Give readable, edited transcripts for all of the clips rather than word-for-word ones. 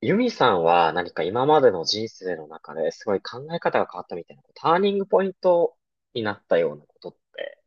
ユミさんは何か今までの人生の中ですごい考え方が変わったみたいな、ターニングポイントになったようなことって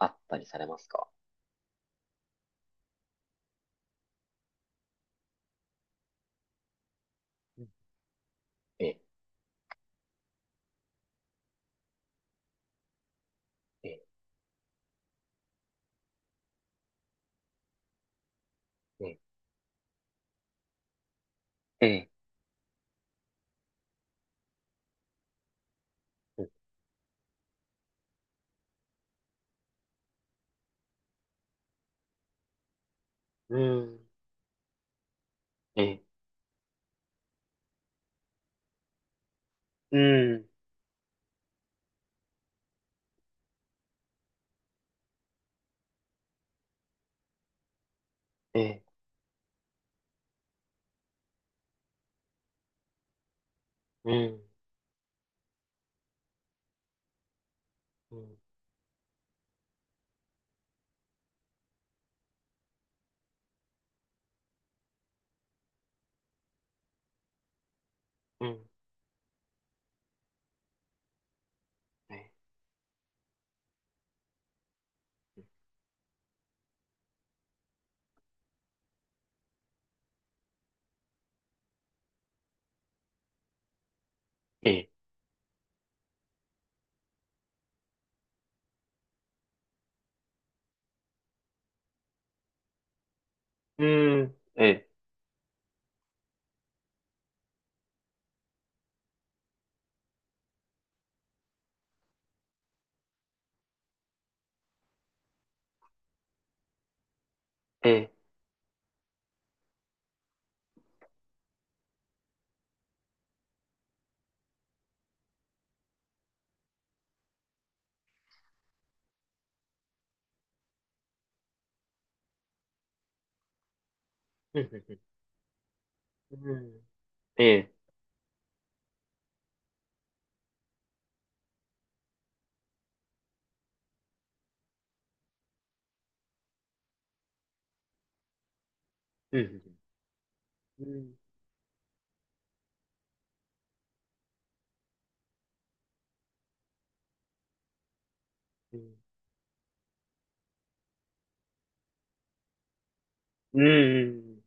あったりされますか？えんえ、え、え、え、うん、えうんえ、うん、え、うん、えうん、うん、え、え、うん、え、え、うん、うん、え、うん、うん、うん、うん、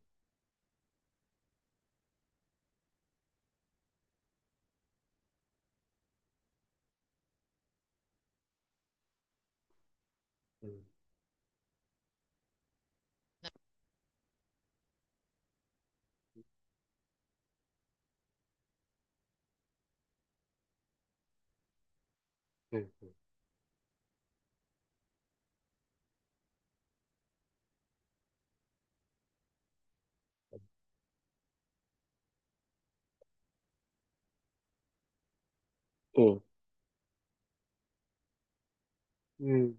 うん、うん、うん、うん、うん、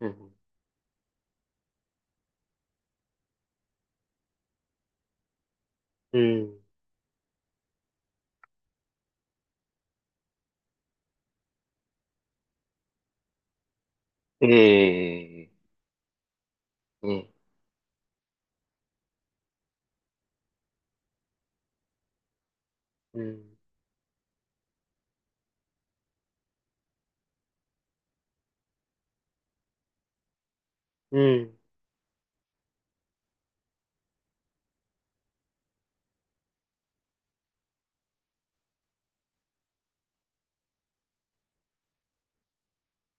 うん、うん、ええうん。うん。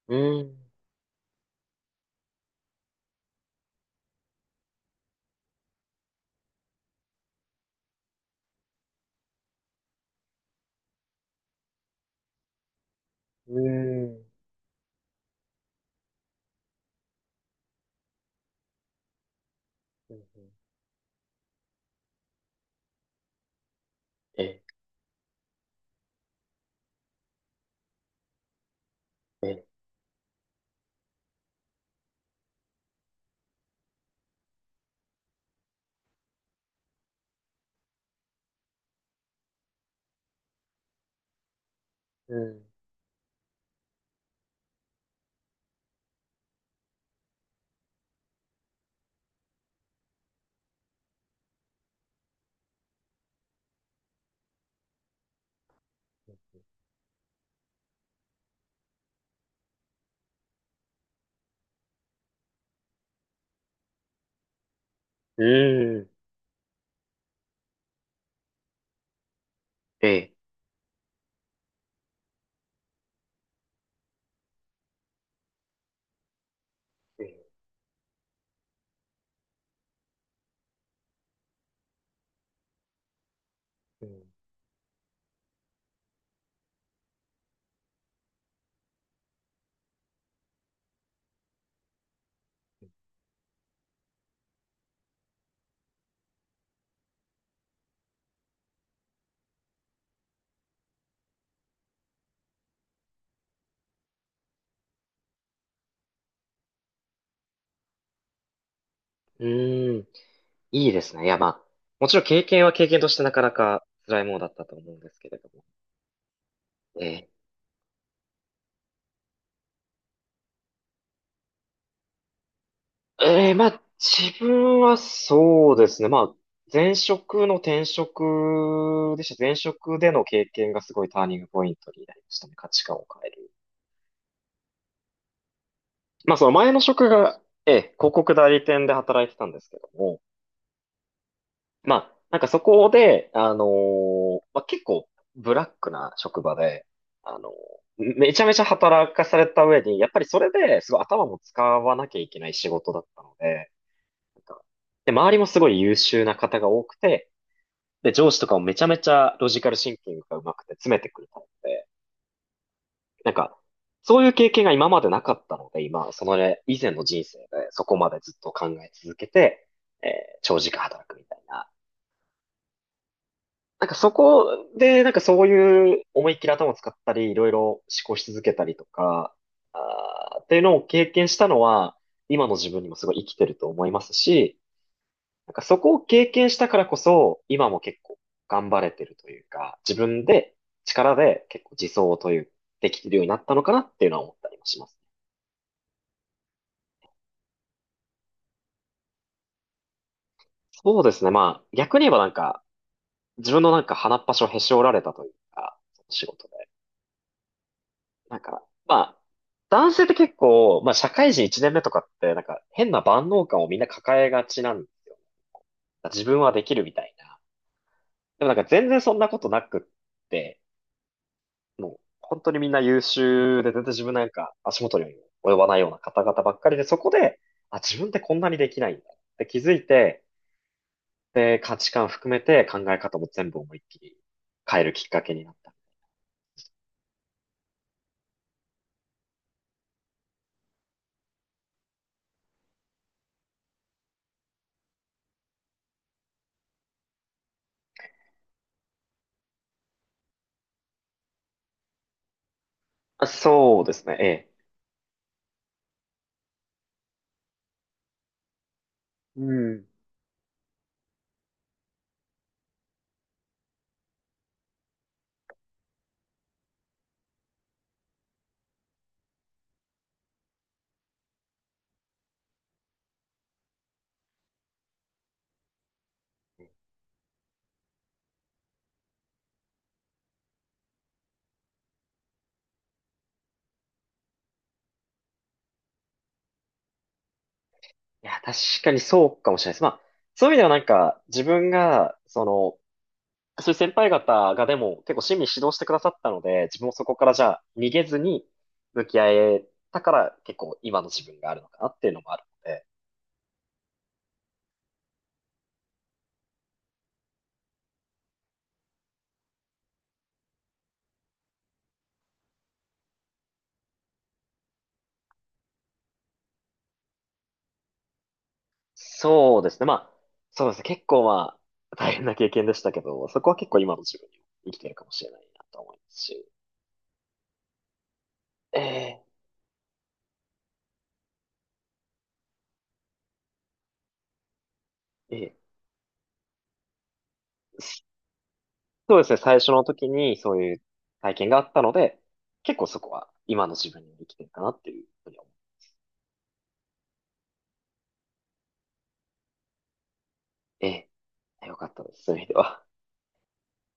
うん。うん。うんえ、え、うん。うん。え、えうん。うん。いいですね。いや、まあ、もちろん経験は経験としてなかなか辛いものだったと思うんですけれども。えまあ、自分はそうですね。まあ、前職の転職でした。前職での経験がすごいターニングポイントになりましたね。価値観を変える。まあ、その前の職が、広告代理店で働いてたんですけども、まあ、なんかそこで、まあ、結構ブラックな職場で、あのーめちゃめちゃ働かされた上に、やっぱりそれですごい頭も使わなきゃいけない仕事だったので、なんかで、周りもすごい優秀な方が多くて、で、上司とかもめちゃめちゃロジカルシンキングが上手くて詰めてくるタイプで、なんか、そういう経験が今までなかったので、今、そのね、以前の人生でそこまでずっと考え続けて、えー長時間働くみたいな、なんかそこで、なんかそういう思いっきり頭を使ったり、いろいろ思考し続けたりとか、あーっていうのを経験したのは、今の自分にもすごい生きてると思いますし、なんかそこを経験したからこそ、今も結構頑張れてるというか、自分で力で結構自走という、できてるようになったのかなっていうのは思ったりもします。そうですね。まあ、逆に言えばなんか、自分のなんか鼻っ端をへし折られたというか、その仕事で。なんか、まあ、男性って結構、まあ、社会人1年目とかって、なんか、変な万能感をみんな抱えがちなんですよ。自分はできるみたいな。でもなんか、全然そんなことなくって、もう、本当にみんな優秀で、全然自分なんか、足元にも及ばないような方々ばっかりで、そこで、あ、自分ってこんなにできないんだって気づいて、で、価値観含めて考え方も全部思いっきり変えるきっかけになった。あ、そうですね、ええ。うん。いや、確かにそうかもしれないです。まあ、そういう意味ではなんか、自分が、その、そういう先輩方がでも結構親身に指導してくださったので、自分もそこからじゃあ逃げずに向き合えたから結構今の自分があるのかなっていうのもあるので、そうですね。まあ、そうですね。結構まあ、大変な経験でしたけど、そこは結構今の自分にも生きてるかもしれないなと思いますし。ええ、ええ、そうですね、最初の時にそういう体験があったので、結構そこは今の自分に生きてるかなっていうふうに思う。ええ、よかったです、そういう意味では。